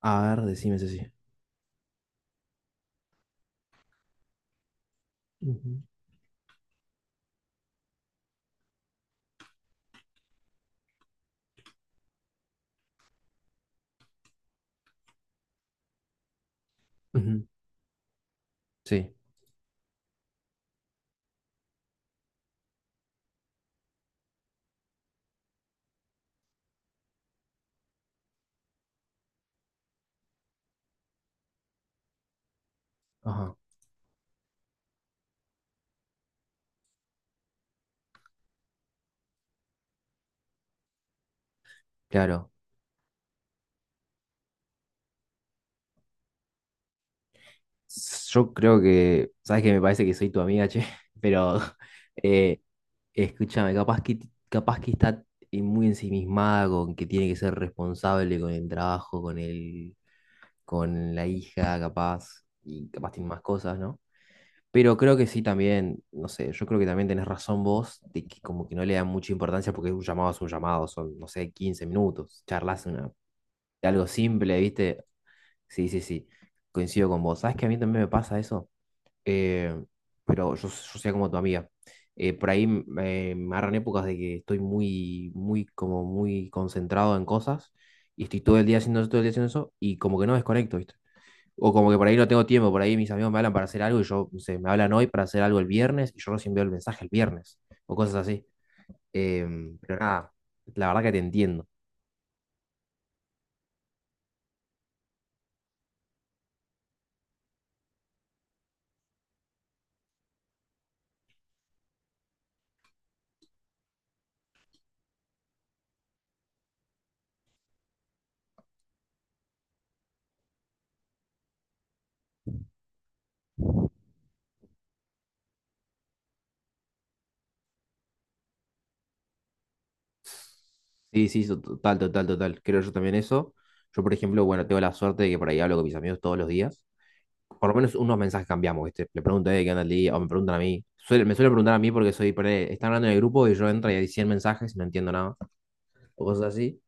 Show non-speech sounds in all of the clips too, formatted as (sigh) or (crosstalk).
A ver, decime si sí. Ujú, ujú, sí, ajá. Claro. Yo creo que, sabes que me parece que soy tu amiga, che, (laughs) pero eh, escúchame, capaz que está muy ensimismada con que tiene que ser responsable con el trabajo, con la hija, capaz, y capaz tiene más cosas, ¿no? Pero creo que sí también, no sé, yo creo que también tenés razón vos de que como que no le dan mucha importancia porque un llamado es un llamado, son, no sé, 15 minutos, charlas una algo simple, ¿viste? Sí, sí, sí, coincido con vos. ¿Sabes que a mí también me pasa eso? Eh, pero yo sea como tu amiga. Por ahí me agarran épocas de que estoy muy, muy, como muy concentrado en cosas y estoy todo el día haciendo eso, todo el día haciendo eso y como que no desconecto, ¿viste? O como que por ahí no tengo tiempo, por ahí mis amigos me hablan para hacer algo y yo, no sé, me hablan hoy para hacer algo el viernes y yo recién veo el mensaje el viernes o cosas así. Pero nada, la verdad que te entiendo. Sí, sí, total, total, total. Creo yo también eso. Yo, por ejemplo, bueno, tengo la suerte de que por ahí hablo con mis amigos todos los días. Por lo menos unos mensajes cambiamos, ¿viste? Le pregunto, ¿qué onda el día? O me preguntan a mí. Me suelen preguntar a mí porque soy, ponele, están hablando en el grupo y yo entro y hay 100 mensajes y no entiendo nada. O cosas así.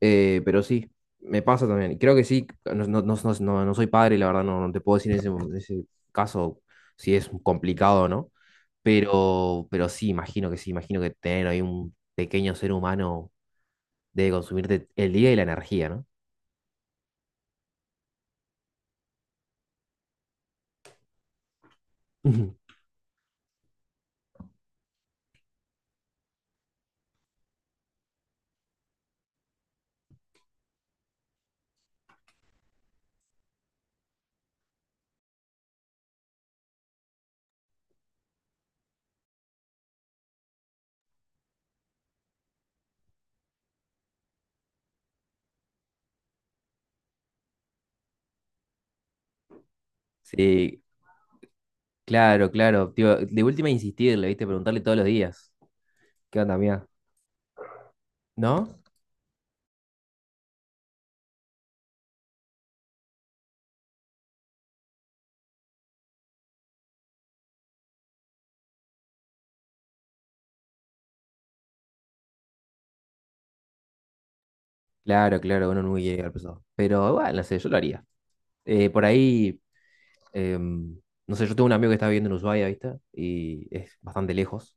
Pero sí, me pasa también. Creo que sí, no, no, no, no, no soy padre, la verdad, no, no te puedo decir en ese caso si es complicado o no. Pero sí, imagino que tener ahí un pequeño ser humano de consumirte el día y la energía, ¿no? Ujú, sí, claro, claro. Tío, de última insistirle, ¿viste? Preguntarle todos los días. ¿Qué onda, mía? ¿No? Claro, claro, uno nunca quiere llegar pesado. Pero bueno, no sé, yo lo haría. Por ahí, em, no sé, yo tengo un amigo que está viviendo en Ushuaia, ¿viste? Y es bastante lejos.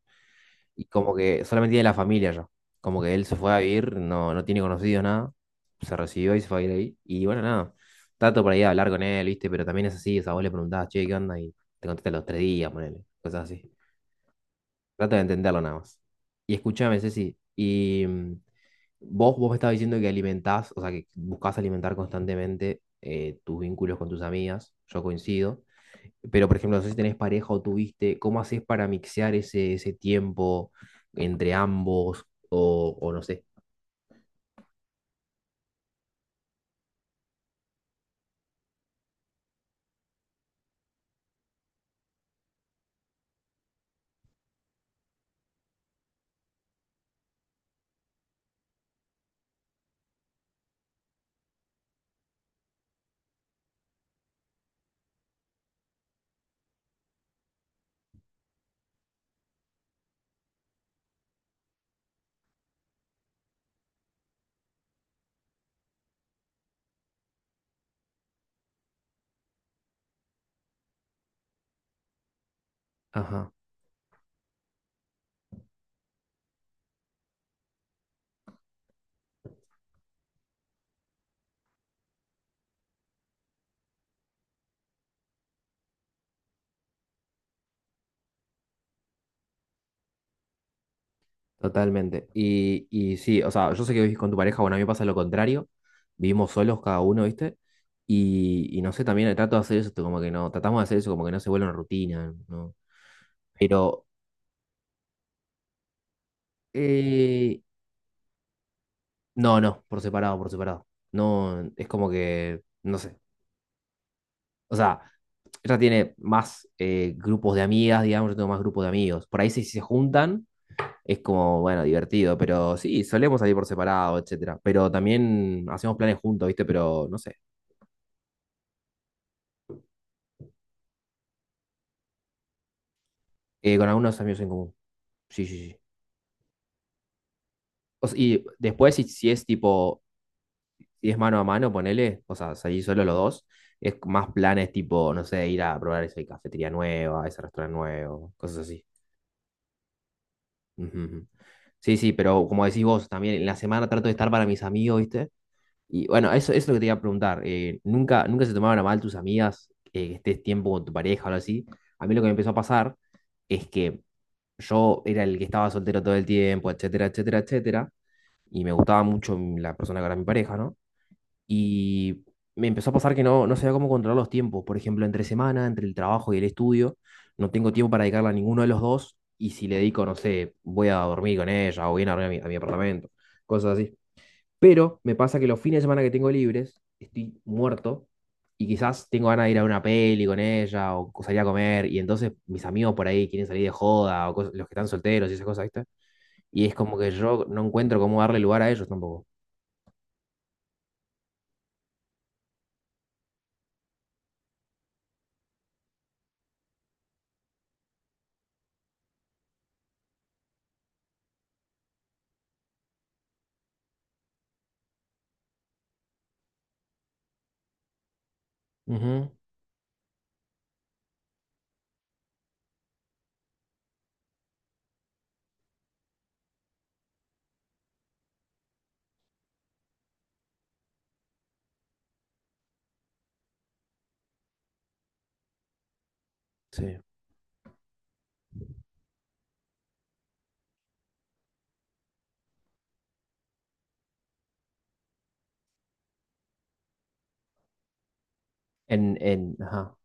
Y como que solamente tiene la familia ya. Como que él se fue a vivir, no, no tiene conocidos, nada. Se recibió y se fue a vivir ahí. Y bueno, nada. Trato por ahí de hablar con él, ¿viste? Pero también es así, o sea, vos le preguntás, che, ¿qué onda? Y te contesta los tres días, ponele. Cosas así. Trato de entenderlo nada más. Y escuchame, Ceci. Y vos me estabas diciendo que alimentás, o sea, que buscás alimentar constantemente tus vínculos con tus amigas. Yo coincido. Pero, por ejemplo, no sé si tenés pareja o tuviste, ¿cómo haces para mixear ese tiempo entre ambos? O no sé. Ajá, totalmente. Y sí, o sea, yo sé que vivís con tu pareja, bueno, a mí me pasa lo contrario. Vivimos solos cada uno, ¿viste? Y no sé, también trato de hacer eso, como que no, tratamos de hacer eso como que no se vuelva una rutina, ¿no? Pero, eh, no, no, por separado, por separado. No, es como que, no sé. O sea, ella tiene más grupos de amigas, digamos, yo tengo más grupos de amigos. Por ahí si se juntan, es como, bueno, divertido, pero sí, solemos salir por separado, etcétera. Pero también hacemos planes juntos, ¿viste? Pero no sé, con algunos amigos en común. Sí, sí, sí. O sea, y después si es mano a mano, ponele, o sea, salir solo los dos, es más planes tipo, no sé, ir a probar esa cafetería nueva, ese restaurante nuevo, cosas así. Ujú, ujú. Sí, sí, pero como decís vos, también en la semana trato de estar para mis amigos, ¿viste? Y bueno, eso es lo que te iba a preguntar. Nunca se tomaban a mal tus amigas que estés tiempo con tu pareja o algo así? A mí lo que me empezó a pasar es que yo era el que estaba soltero todo el tiempo, etcétera, etcétera, etcétera, y me gustaba mucho la persona que era mi pareja, ¿no? Y me empezó a pasar que no, no sabía cómo controlar los tiempos. Por ejemplo, entre semana, entre el trabajo y el estudio, no tengo tiempo para dedicarle a ninguno de los dos, y si le dedico, no sé, voy a dormir con ella o voy a ir a dormir a mi apartamento, cosas así. Pero me pasa que los fines de semana que tengo libres, estoy muerto y quizás tengo ganas de ir a una peli con ella o salir a comer y entonces mis amigos por ahí quieren salir de joda o cosas- los que están solteros y esas cosas, ¿viste? Y es como que yo no encuentro cómo darle lugar a ellos tampoco. Ujú, sí. Ajá.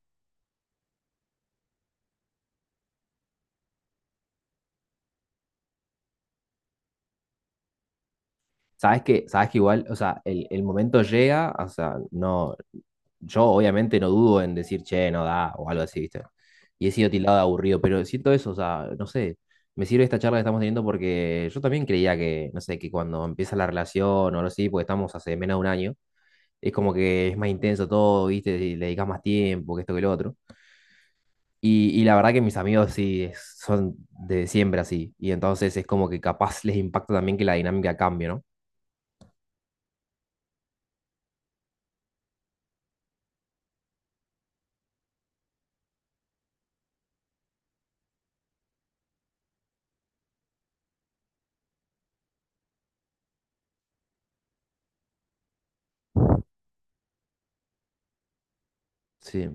Sabes que igual, o sea, el momento llega, o sea, no, yo obviamente no dudo en decir, che, no da, o algo así, ¿viste? Y he sido tildado de aburrido, pero siento eso, o sea, no sé, me sirve esta charla que estamos teniendo porque yo también creía que, no sé, que cuando empieza la relación o algo así, porque estamos hace menos de un año, es como que es más intenso todo, ¿viste? Y le dedicas más tiempo, que esto que lo otro. Y la verdad que mis amigos sí son de siempre así, y entonces es como que capaz les impacta también que la dinámica cambie, ¿no? Sí,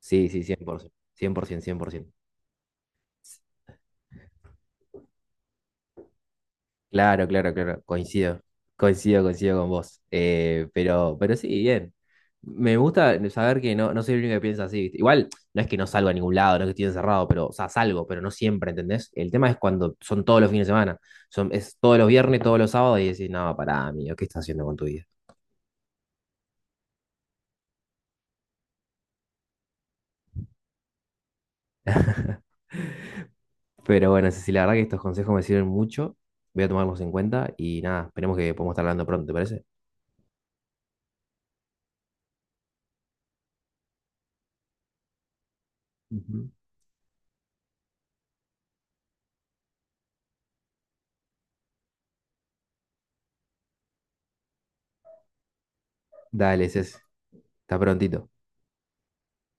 sí, sí, cien por ciento, cien por cien por 100%. Claro, claro, claro, coincido, coincido, coincido con vos. Pero sí, bien. Me gusta saber que no, no soy el único que piensa así, ¿viste? Igual no es que no salgo a ningún lado, no es que estoy encerrado, pero, o sea, salgo, pero no siempre, ¿entendés? El tema es cuando son todos los fines de semana, son, es todos los viernes, todos los sábados, y decís, no, pará, amigo, ¿qué estás haciendo con tu vida? Pero bueno, Ceci, la verdad que estos consejos me sirven mucho, voy a tomarlos en cuenta y nada, esperemos que podamos estar hablando pronto, ¿te parece? Ujú. Dale, Ceci, hasta prontito.